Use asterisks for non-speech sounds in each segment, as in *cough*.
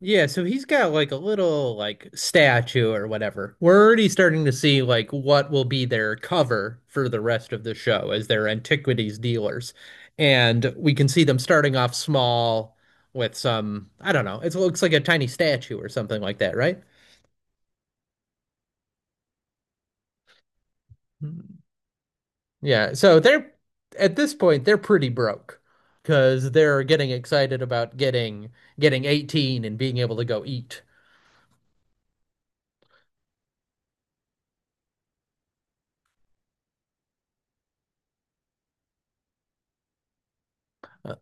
Yeah, so he's got like a little like statue or whatever. We're already starting to see like what will be their cover for the rest of the show as their antiquities dealers. And we can see them starting off small with some, I don't know, it looks like a tiny statue or something like that, right? Mhm. Yeah, so they're at this point they're pretty broke because they're getting excited about getting 18 and being able to go eat. uh,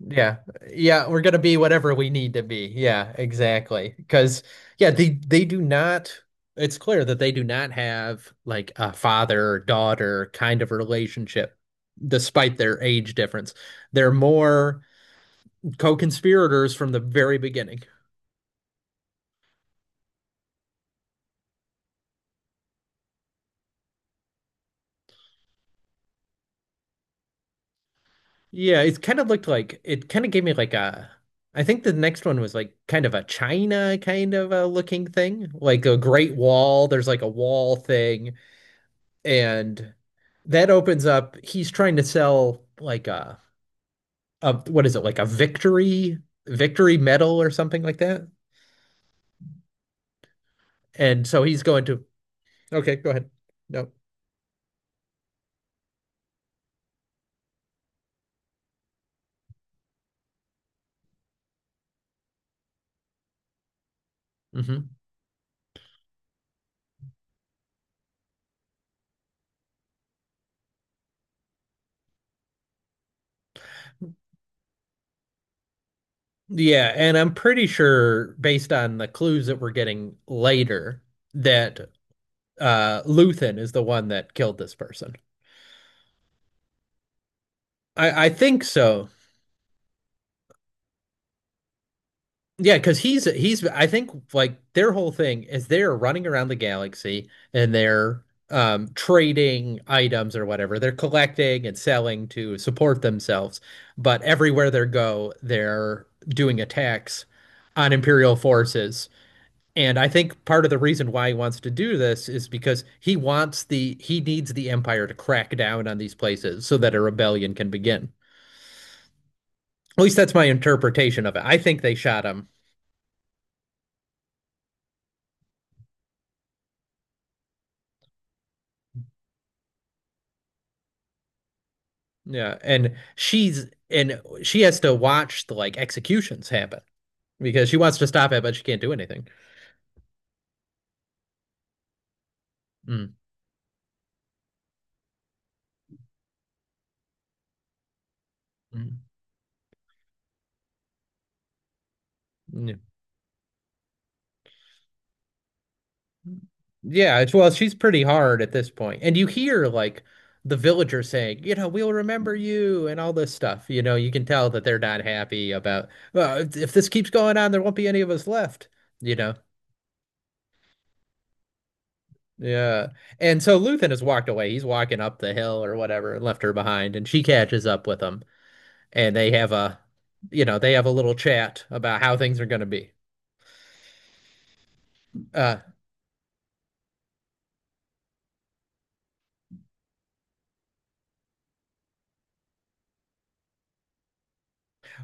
Yeah. Yeah, we're gonna be whatever we need to be. Yeah, exactly. Because yeah, they do not it's clear that they do not have like a father daughter kind of relationship despite their age difference. They're more co-conspirators from the very beginning. Yeah, it kind of looked like it kind of gave me like a I think the next one was like kind of a China kind of a looking thing, like a Great Wall. There's like a wall thing and that opens up he's trying to sell like a what is it like a victory medal or something like that and so he's going to okay go ahead no. Hmm. Yeah, and I'm pretty sure based on the clues that we're getting later that Luthen is the one that killed this person. I think so. Yeah, because he's I think like their whole thing is they're running around the galaxy and they're trading items or whatever. They're collecting and selling to support themselves, but everywhere they go, they're doing attacks on Imperial forces. And I think part of the reason why he wants to do this is because he needs the Empire to crack down on these places so that a rebellion can begin. At least that's my interpretation of it. I think they shot him. Yeah, and she has to watch the like executions happen because she wants to stop it, but she can't do anything. Mm. Mm. Yeah. Yeah, it's well, she's pretty hard at this point. And you hear like the villagers saying, you know, we'll remember you and all this stuff. You know, you can tell that they're not happy about, well, if this keeps going on, there won't be any of us left, you know. Yeah. And so Luthen has walked away. He's walking up the hill or whatever and left her behind, and she catches up with him. And they have a you know they have a little chat about how things are going to be. uh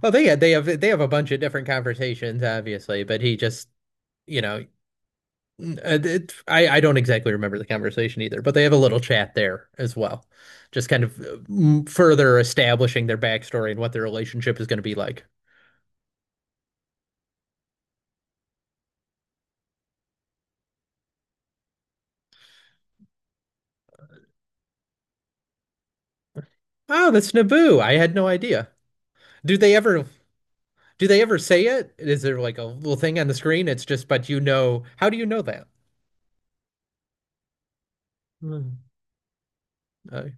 well they have they have a bunch of different conversations obviously but he just you know it, I don't exactly remember the conversation either but they have a little chat there as well just kind of further establishing their backstory and what their relationship is going to be like. Oh, that's Naboo, I had no idea. Do they ever do they ever say it, is there like a little thing on the screen, it's just but you know how do you know that? Hmm. uh,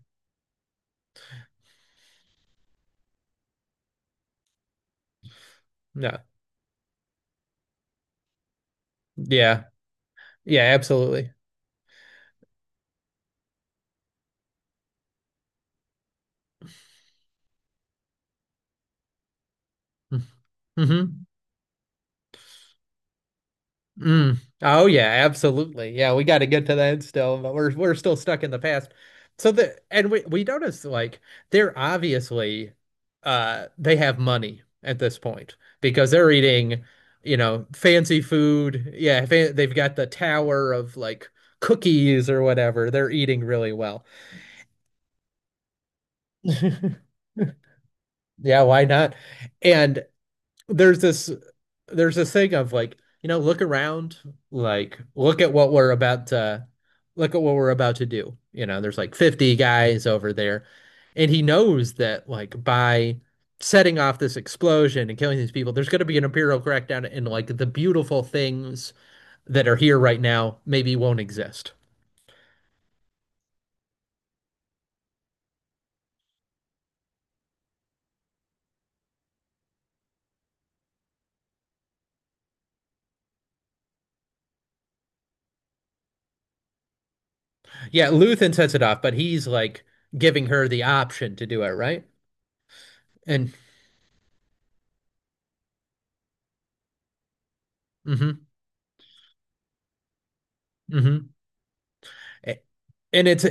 no. Yeah. Yeah, absolutely. Mm-hmm. Mm. Oh yeah, absolutely. Yeah, we got to get to that still, but we're still stuck in the past. So the and we notice like they're obviously they have money at this point because they're eating, you know, fancy food. Yeah, fa they've got the tower of like cookies or whatever. They're eating really well. *laughs* Yeah, why not? And there's this there's this thing of like, you know, look around, like look at what we're about to look at what we're about to do. You know, there's like 50 guys over there, and he knows that like by setting off this explosion and killing these people, there's going to be an imperial crackdown, and like the beautiful things that are here right now maybe won't exist. Yeah, Luthen sets it off, but he's like giving her the option to do it, right? And mm-hmm, mm-hmm. And it's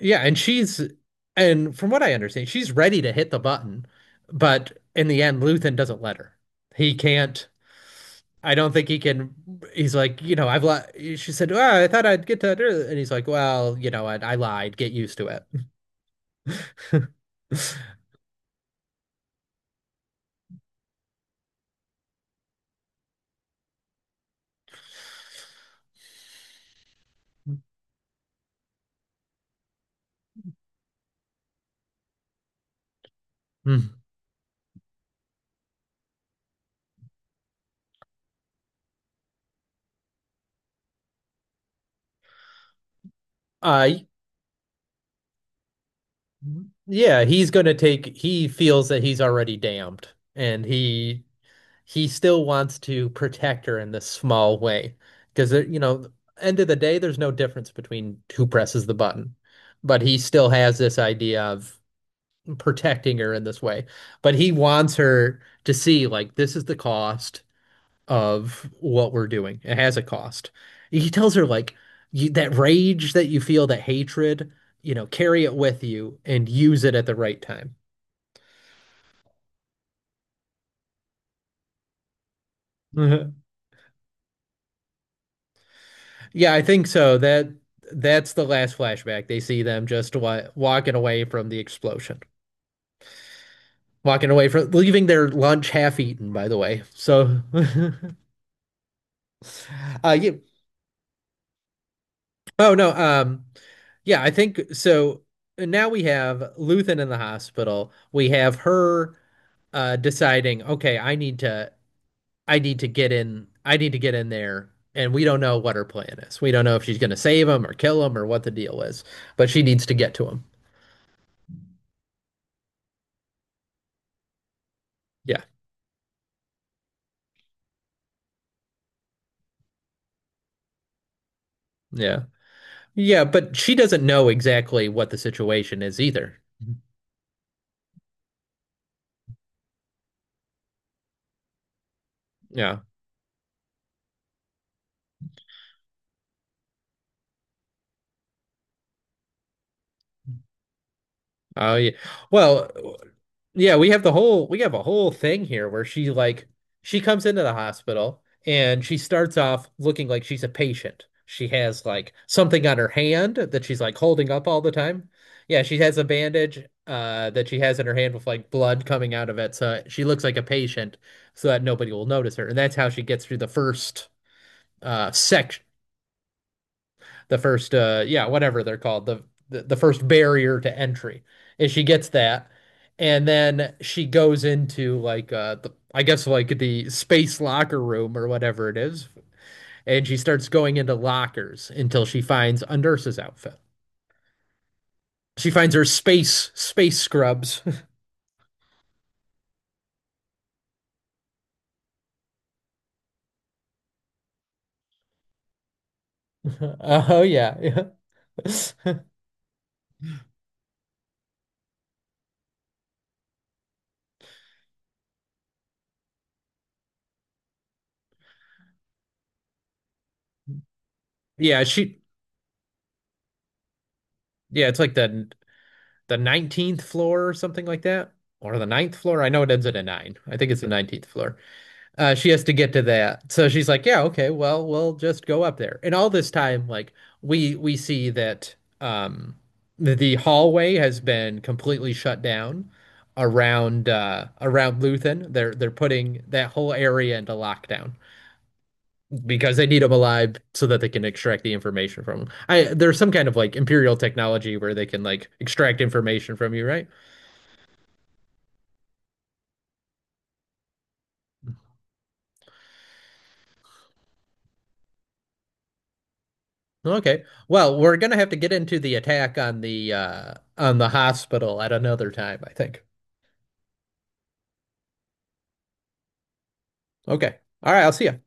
yeah, and she's and from what I understand, she's ready to hit the button, but in the end, Luthen doesn't let her. He can't. I don't think he can. He's like, you know, I've lied. She said, "Well, I thought I'd get to," do it." And he's like, "Well, you know, I lied. Get used to it." *laughs* Mm. Uh, yeah, he's gonna take. He feels that he's already damned, and he still wants to protect her in this small way because you know, end of the day, there's no difference between who presses the button, but he still has this idea of protecting her in this way. But he wants her to see like this is the cost of what we're doing. It has a cost. He tells her like you, that rage that you feel, that hatred, you know, carry it with you and use it at the right time. *laughs* Yeah, I think so. That that's the last flashback. They see them just wa walking away from the explosion. Walking away from leaving their lunch half eaten, by the way. So *laughs* yeah. Oh no, yeah, I think so, now we have Luthen in the hospital. We have her deciding, okay, I need to get in I need to get in there. And we don't know what her plan is. We don't know if she's gonna save him or kill him or what the deal is, but she needs to get to him. Yeah. Yeah. Yeah, but she doesn't know exactly what the situation is either. Yeah. Oh, yeah. Well, yeah, we have the whole we have a whole thing here where she like she comes into the hospital and she starts off looking like she's a patient. She has like something on her hand that she's like holding up all the time. Yeah, she has a bandage that she has in her hand with like blood coming out of it, so she looks like a patient so that nobody will notice her. And that's how she gets through the first sec the first yeah whatever they're called the, the first barrier to entry and she gets that and then she goes into like the, I guess like the space locker room or whatever it is and she starts going into lockers until she finds a nurse's outfit, she finds her space scrubs. *laughs* Oh yeah. *laughs* Yeah she, yeah it's like the 19th floor or something like that or the ninth floor, I know it ends at a nine I think it's the 19th floor. She has to get to that. So she's like, yeah, okay, well, we'll just go up there. And all this time, like we see that um the hallway has been completely shut down around around Luthen. They're putting that whole area into lockdown because they need him alive so that they can extract the information from him. I there's some kind of like imperial technology where they can like extract information from you, right? Okay. Well, we're gonna have to get into the attack on the hospital at another time, I think. Okay. All right, I'll see you.